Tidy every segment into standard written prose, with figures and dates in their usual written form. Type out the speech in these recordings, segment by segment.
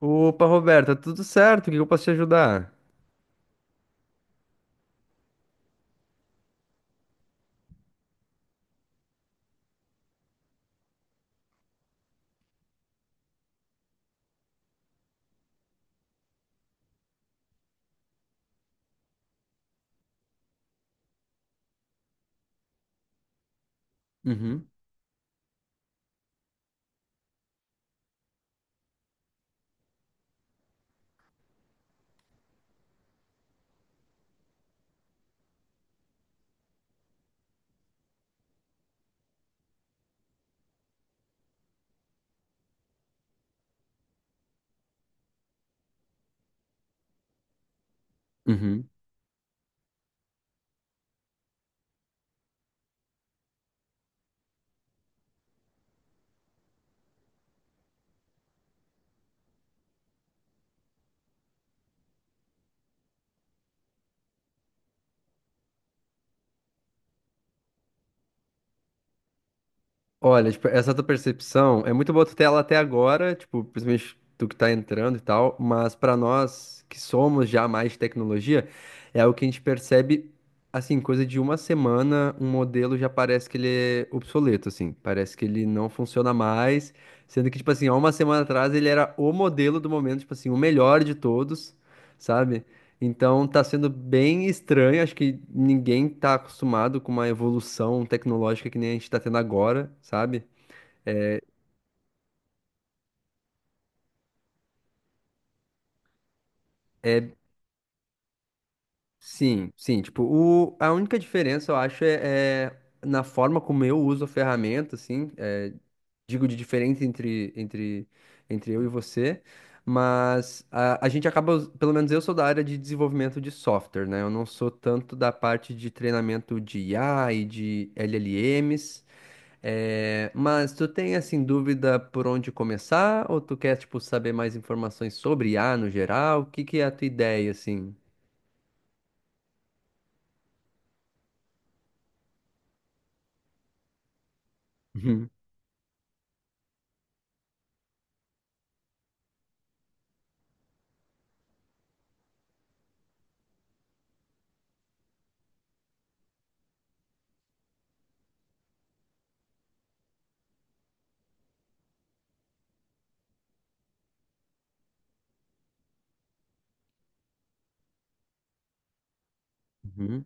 Opa, Roberta, tudo certo? O que eu posso te ajudar? Uhum. Uhum. Olha, tipo, essa tua percepção é muito boa tu ter ela até agora, tipo, principalmente tu que tá entrando e tal, mas pra nós que somos já mais de tecnologia, é o que a gente percebe, assim, coisa de uma semana, um modelo já parece que ele é obsoleto, assim, parece que ele não funciona mais, sendo que, tipo assim, há uma semana atrás ele era o modelo do momento, tipo assim, o melhor de todos, sabe? Então tá sendo bem estranho, acho que ninguém tá acostumado com uma evolução tecnológica que nem a gente tá tendo agora, sabe? É, sim, sim, tipo, o, a única diferença eu acho é, é na forma como eu uso a ferramenta, assim, é, digo de diferente entre, entre, entre eu e você, mas a gente acaba, us- pelo menos eu sou da área de desenvolvimento de software, né? Eu não sou tanto da parte de treinamento de IA e de LLMs. É, mas tu tem assim dúvida por onde começar ou tu quer tipo saber mais informações sobre I a no geral? O que que é a tua ideia assim? Uhum. Uhum.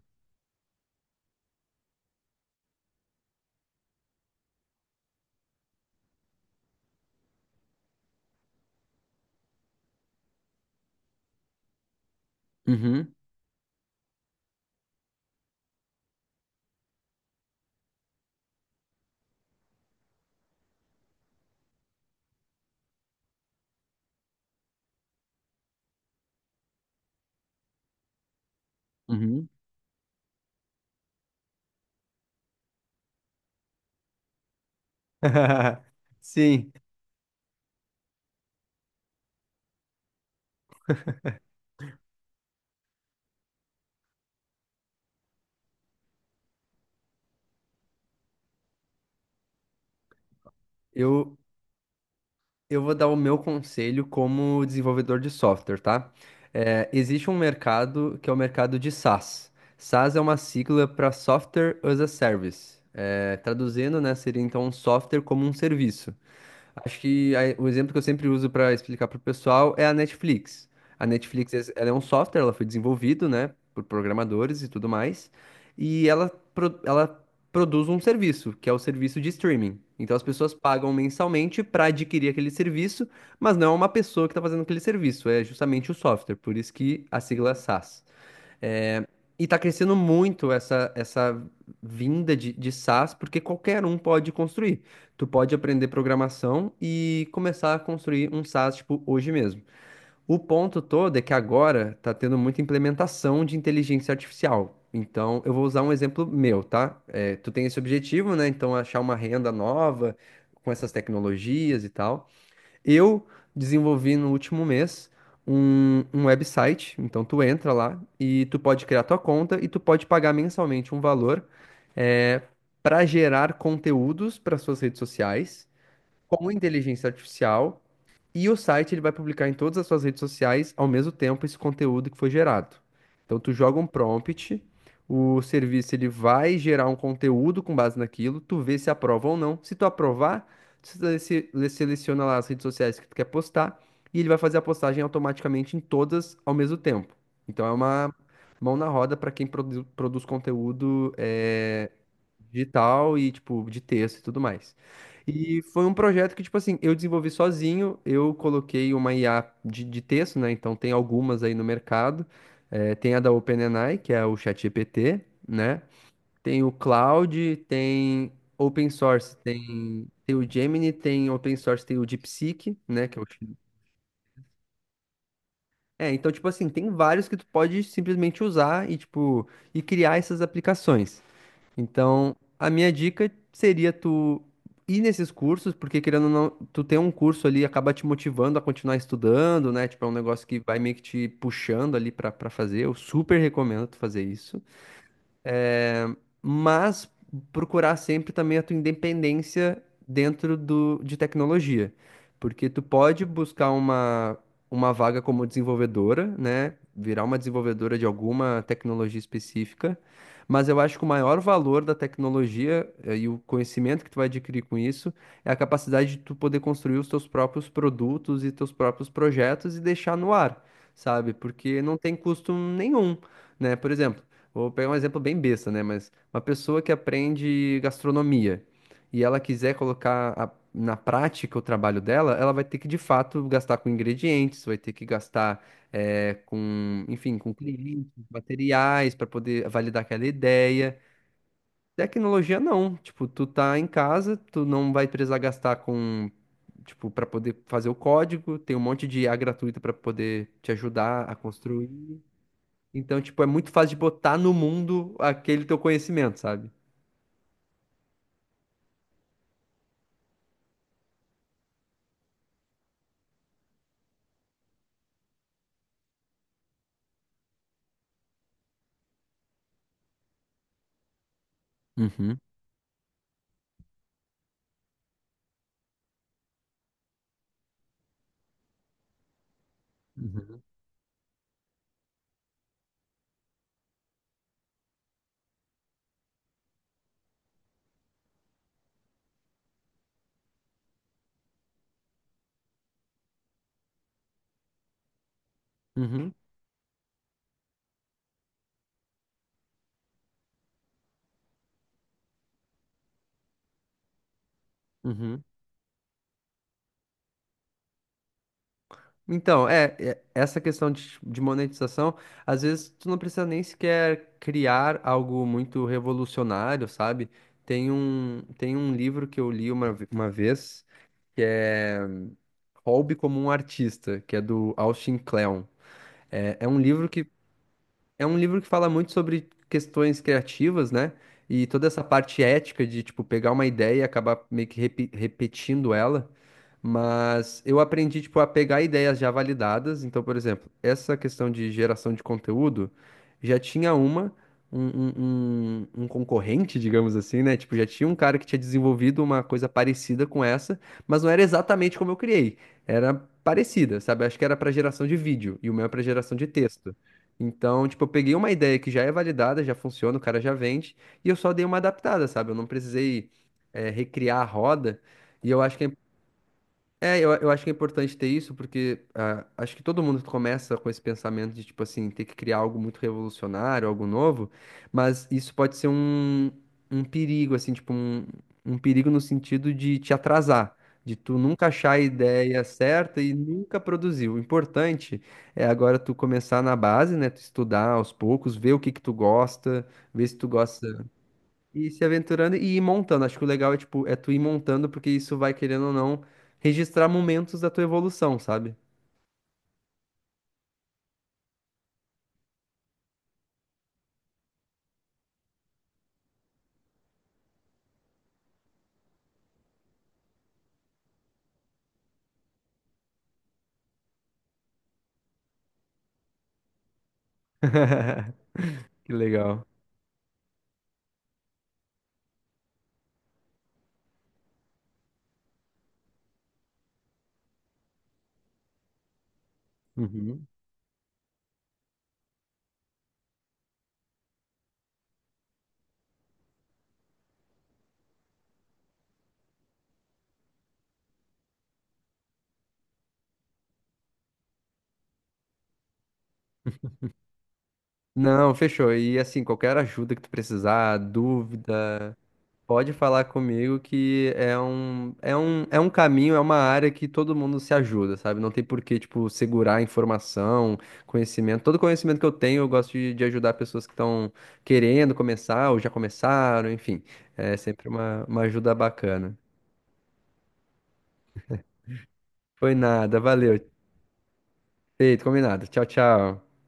Uhum. Uhum. Sim, eu eu vou dar o meu conselho como desenvolvedor de software, tá? É, existe um mercado que é o mercado de SaaS. SaaS é uma sigla para Software as a Service. É, traduzindo, né, seria então um software como um serviço. Acho que a- o exemplo que eu sempre uso para explicar para o pessoal é a Netflix. A Netflix, es- ela é um software, ela foi desenvolvido, né, por programadores e tudo mais, e ela, pro- ela produz um serviço, que é o serviço de streaming. Então as pessoas pagam mensalmente para adquirir aquele serviço, mas não é uma pessoa que está fazendo aquele serviço, é justamente o software, por isso que a sigla é SaaS. É. E está crescendo muito essa, essa vinda de SaaS, porque qualquer um pode construir. Tu pode aprender programação e começar a construir um SaaS, tipo, hoje mesmo. O ponto todo é que agora está tendo muita implementação de inteligência artificial. Então, eu vou usar um exemplo meu, tá? É, tu tem esse objetivo, né? Então, achar uma renda nova com essas tecnologias e tal. Eu desenvolvi no último mês um, um website, então tu entra lá e tu pode criar tua conta e tu pode pagar mensalmente um valor é, para gerar conteúdos para suas redes sociais com inteligência artificial e o site ele vai publicar em todas as suas redes sociais ao mesmo tempo esse conteúdo que foi gerado. Então tu joga um prompt, o serviço ele vai gerar um conteúdo com base naquilo, tu vê se aprova ou não. Se tu aprovar, tu seleci- seleciona lá as redes sociais que tu quer postar e ele vai fazer a postagem automaticamente em todas ao mesmo tempo. Então é uma mão na roda para quem produ- produz conteúdo é, digital e tipo de texto e tudo mais. E foi um projeto que, tipo assim, eu desenvolvi sozinho, eu coloquei uma IA de texto, né? Então tem algumas aí no mercado. Tem a da OpenAI, que é o ChatGPT, né? Tem o Cloud, tem open source, tem, tem o Gemini, tem open source, tem o DeepSeek, né? Que é o chin- É, então, tipo assim, tem vários que tu pode simplesmente usar e, tipo, e criar essas aplicações. Então, a minha dica seria tu ir nesses cursos, porque querendo ou não, tu ter um curso ali acaba te motivando a continuar estudando, né? Tipo, é um negócio que vai meio que te puxando ali pra, pra fazer. Eu super recomendo tu fazer isso. É, mas procurar sempre também a tua independência dentro do, de tecnologia, porque tu pode buscar uma vaga como desenvolvedora, né? Virar uma desenvolvedora de alguma tecnologia específica, mas eu acho que o maior valor da tecnologia e o conhecimento que tu vai adquirir com isso é a capacidade de tu poder construir os teus próprios produtos e teus próprios projetos e deixar no ar, sabe? Porque não tem custo nenhum, né? Por exemplo, vou pegar um exemplo bem besta, né? Mas uma pessoa que aprende gastronomia e ela quiser colocar a- na prática o trabalho dela, ela vai ter que de fato gastar com ingredientes, vai ter que gastar com, enfim, com clientes, materiais para poder validar aquela ideia. Tecnologia não, tipo, tu tá em casa, tu não vai precisar gastar com, tipo, para poder fazer o código, tem um monte de IA gratuita para poder te ajudar a construir. Então, tipo, é muito fácil de botar no mundo aquele teu conhecimento, sabe? Uhum. Uhum. Uhum. Uhum. Então, é, é- essa questão de monetização, às vezes tu não precisa nem sequer criar algo muito revolucionário, sabe? Tem um livro que eu li uma, ve- uma vez, que é Hobby como um Artista, que é do Austin Kleon. É, é um livro que é um livro que fala muito sobre questões criativas, né? E toda essa parte ética de, tipo, pegar uma ideia e acabar meio que repi- repetindo ela. Mas eu aprendi, tipo, a pegar ideias já validadas. Então, por exemplo, essa questão de geração de conteúdo, já tinha uma, um- um concorrente, digamos assim, né? Tipo, já tinha um cara que tinha desenvolvido uma coisa parecida com essa, mas não era exatamente como eu criei. Era parecida, sabe? Acho que era para geração de vídeo e o meu é para geração de texto. Então, tipo, eu peguei uma ideia que já é validada, já funciona, o cara já vende, e eu só dei uma adaptada, sabe? Eu não precisei, recriar a roda. E eu acho que é é, eu acho que é importante ter isso, porque ah, acho que todo mundo começa com esse pensamento de, tipo assim, ter que criar algo muito revolucionário, algo novo, mas isso pode ser um, um perigo, assim, tipo, um perigo no sentido de te atrasar, de tu nunca achar a ideia certa e nunca produzir. O importante é agora tu começar na base, né, tu estudar aos poucos, ver o que que tu gosta, ver se tu gosta e se aventurando e ir montando. Acho que o legal é, tipo, é tu ir montando, porque isso vai, querendo ou não, registrar momentos da tua evolução, sabe? Que legal. Uhum. Não, fechou. E assim, qualquer ajuda que tu precisar, dúvida, pode falar comigo que é um, é um, é um caminho, é uma área que todo mundo se ajuda, sabe? Não tem por que, tipo, segurar informação, conhecimento. Todo conhecimento que eu tenho, eu gosto de ajudar pessoas que estão querendo começar ou já começaram, enfim. É sempre uma ajuda bacana. Foi nada, valeu. Feito, combinado. Tchau, tchau.